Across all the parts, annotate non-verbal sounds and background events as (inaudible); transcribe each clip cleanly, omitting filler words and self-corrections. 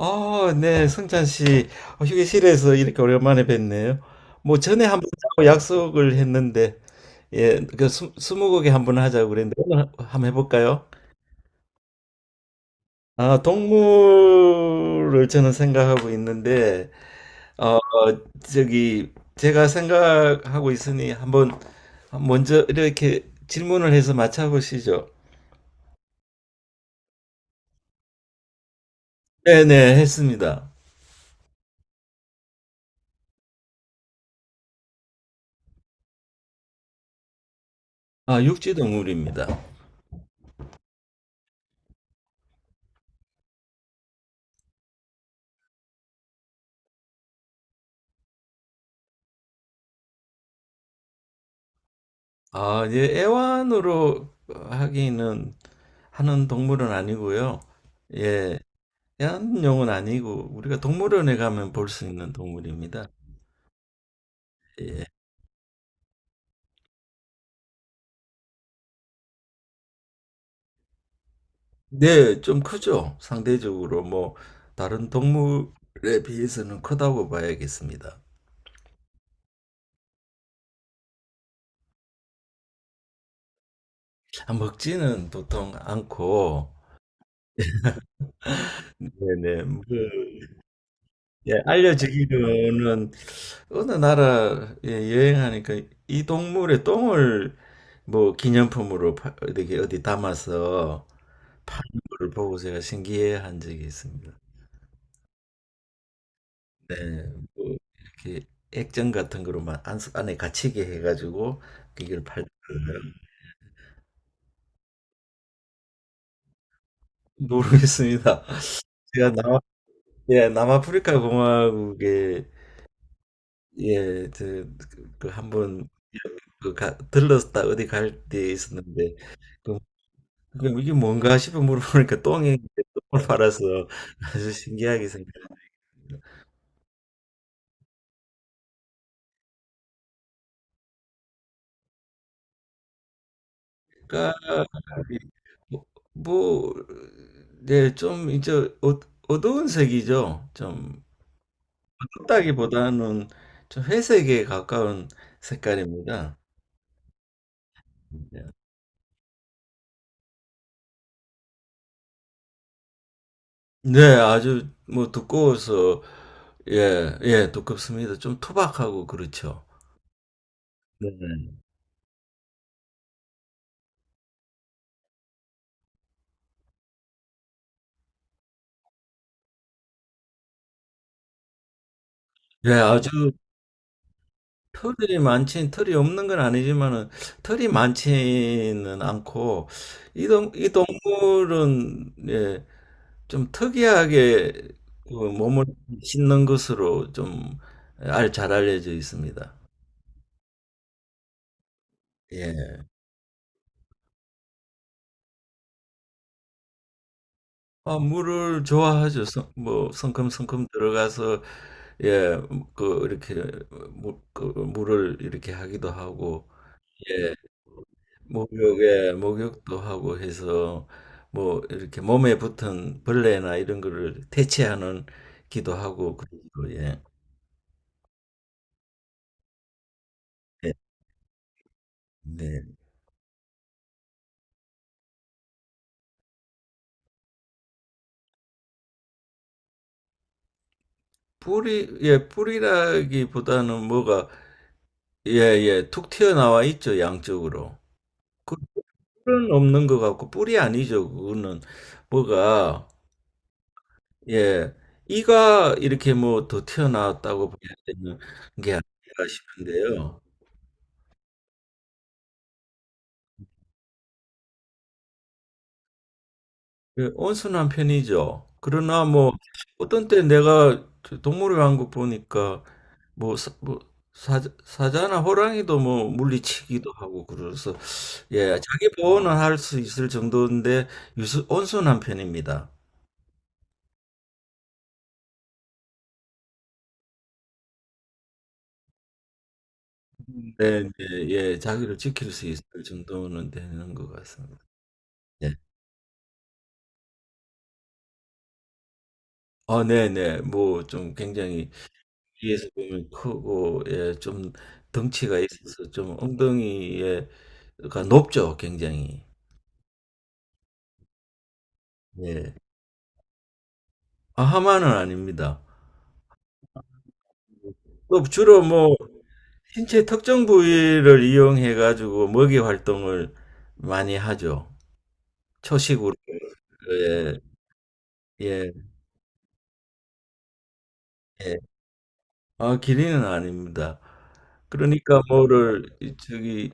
아, 네, 성찬 씨, 휴게실에서 이렇게 오랜만에 뵙네요. 뭐 전에 한번 짜고 약속을 했는데, 예, 스무고개 한번 하자고 그랬는데 오늘 한번 해볼까요? 아, 동물을 저는 생각하고 있는데, 어, 저기 제가 생각하고 있으니 한번 먼저 이렇게 질문을 해서 맞춰보시죠. 네네, 했습니다. 아, 육지 동물입니다. 아, 예, 애완으로 하기는 하는 동물은 아니고요. 예, 애완용은 아니고 우리가 동물원에 가면 볼 수 있는 동물입니다. 예. 네, 좀 크죠. 상대적으로 뭐 다른 동물에 비해서는 크다고 봐야겠습니다. 아, 먹지는 보통 않고 네네. 그, 예, 알려지기로는 어느 나라에 여행하니까 이 동물의 똥을 어디 어디 담아서 그걸 보고 제가 신기해한 적이 있습니다. 네, 뭐 이렇게 액정 같은 거로만 안, 안에 갇히게 해가지고 이걸 팔더라고요. 모르겠습니다. (laughs) 제가 남아 예 남아프리카 공화국에 예저그 한번 그 들렀다 어디 갈 때 있었는데 그 그럼 이게 뭔가 싶어 물어보니까 똥이 똥을 팔아서 아주 신기하게 생각할까? 뭐, 뭐, 네, 좀 이제 어, 어두운 색이죠. 좀 붉다기보다는 좀 회색에 가까운 색깔입니다. 네, 아주 뭐 두꺼워서 예, 예, 두껍습니다. 좀 투박하고 그렇죠. 네. 예, 아주 털이 없는 건 아니지만은, 털이 많지는 않고, 이 동물은, 예, 좀 특이하게 그 몸을 씻는 것으로 좀 잘 알려져 있습니다. 예. 아, 물을 좋아하죠. 성큼성큼 들어가서, 예, 그, 이렇게, 물을 이렇게 하기도 하고, 목욕에 목욕도 하고 해서 뭐 이렇게 몸에 붙은 벌레나 이런 거를 퇴치하는 기도하고 그러고 예. 예. 네. 뿌리라기보다는 뭐가 예, 예, 툭 튀어나와 있죠, 양쪽으로. 그 뿔은 없는 것 같고 뿔이 아니죠. 그거는 뭐가 예, 이가 이렇게 뭐 더 튀어나왔다고 봐야 되는 게 아닐까 싶은데요. 예, 온순한 편이죠. 그러나 뭐 어떤 때 내가 저 동물의 왕국 보니까 뭐, 사, 뭐 사자나 호랑이도 뭐 물리치기도 하고 그래서 예 자기 보호는 할 수 있을 정도인데 온순한 편입니다. 네, 네, 예 자기를 지킬 수 있을 정도는 되는 것 같습니다. 네. 아, 네, 네. 뭐 좀 굉장히 뒤에서 보면 크고 예 좀 덩치가 있어서 좀 엉덩이에가 높죠, 굉장히. 예. 아, 하만은 아닙니다. 또 주로 뭐 신체 특정 부위를 이용해 가지고 먹이 활동을 많이 하죠. 초식으로. 예. 예. 예. 아, 기린은 아닙니다. 그러니까 뭐를 이- 저기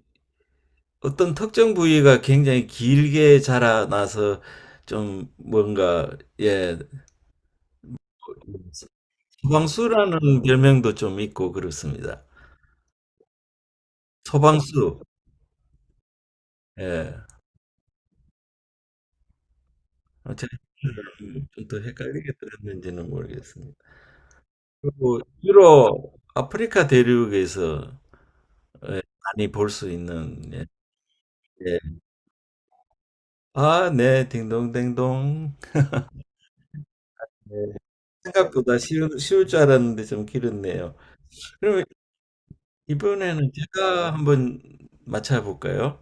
어떤 특정 부위가 굉장히 길게 자라나서 좀 뭔가 예. 소방수라는 별명도 좀 있고 그렇습니다. 소방수. 예. 어, 제가 좀더 헷갈리게 들었는지는 모르겠습니다. 그리고 주로 아프리카 대륙에서 예, 많이 볼 수 있는 예. 예. 아, 네, 딩동댕동. 네. 생각보다 쉬울 줄 알았는데 좀 길었네요. 그러면 이번에는 제가 한번 맞춰볼까요?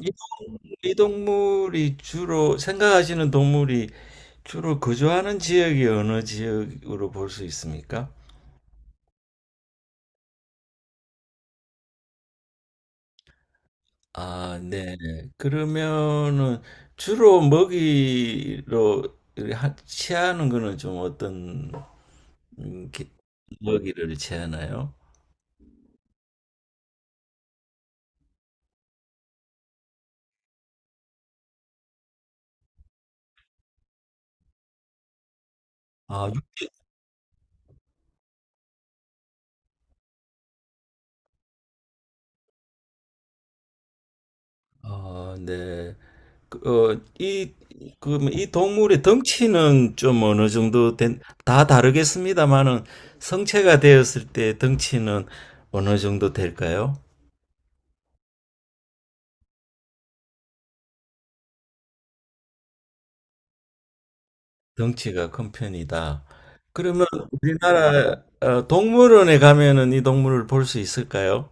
이, 동- 이 동물이 주로 생각하시는 동물이 주로 거주하는 지역이 어느 지역으로 볼 수 있습니까? 아, 네. 그러면은 주로 먹이로 취하는 거는 좀 어떤 음, 게- 먹이를 취하나요? 아, 육- 아, 네. 그, 어, 이, 그러면 이 동물의 덩치는 다 다르겠습니다만은 성체가 되었을 때 덩치는 어느 정도 될까요? 덩치가 큰 편이다. 그러면 우리나라 동물원에 가면은 이 동물을 볼 수 있을까요?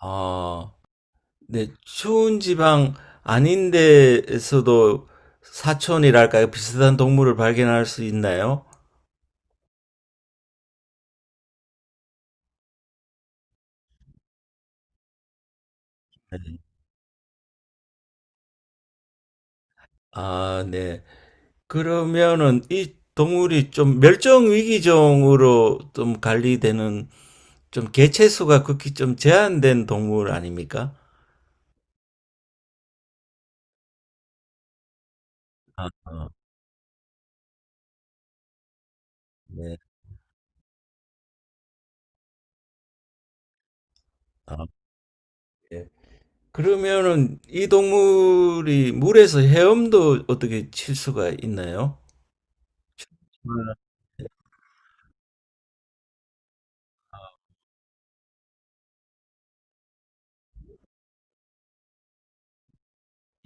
아, 네, 추운 지방 아닌 데에서도 사촌이랄까요? 비슷한 동물을 발견할 수 있나요? 네. 아, 네. 그러면은 이 동물이 좀 멸종 위기종으로 좀 관리되는 좀 개체수가 극히 좀 제한된 동물 아닙니까? 아, 아, 네. 아, 예. 그러면은 이 동물이 물에서 헤엄도 어떻게 칠 수가 있나요? 음.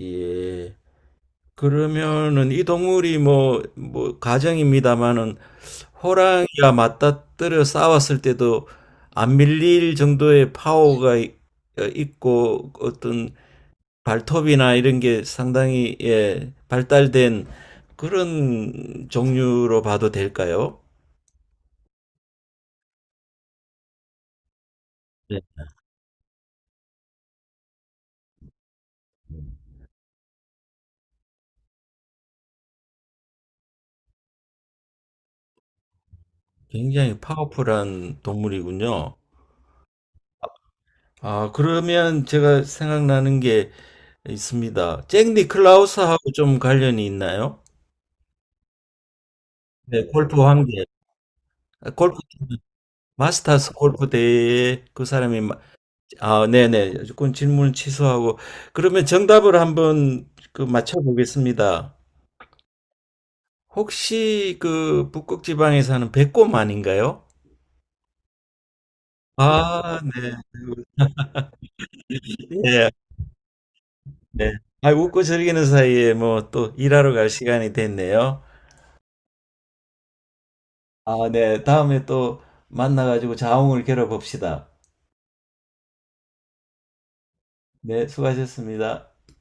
예. 그러면은 이 동물이 가정입니다마는 호랑이와 맞다뜨려 싸웠을 때도 안 밀릴 정도의 파워가 있고 어떤 발톱이나 이런 게 상당히, 예, 발달된 그런 종류로 봐도 될까요? 네. 굉장히 파워풀한 동물이군요. 아, 그러면 제가 생각나는 게 있습니다. 잭 니클라우스하고 좀 관련이 있나요? 네, 골프 관계. 아, 골프, 마스터스 골프 대회에 그 사람이, 마- 아, 네네. 그건 질문 취소하고. 그러면 정답을 한번 그 맞춰보겠습니다. 혹시 그 북극 지방에 사는 백곰 아닌가요? 아, 네. 네, 네. 아, 웃고 즐기는 사이에 뭐 또 일하러 갈 시간이 됐네요. 아, 네. 다음에 또 만나가지고 자웅을 겨뤄봅시다. 네, 수고하셨습니다.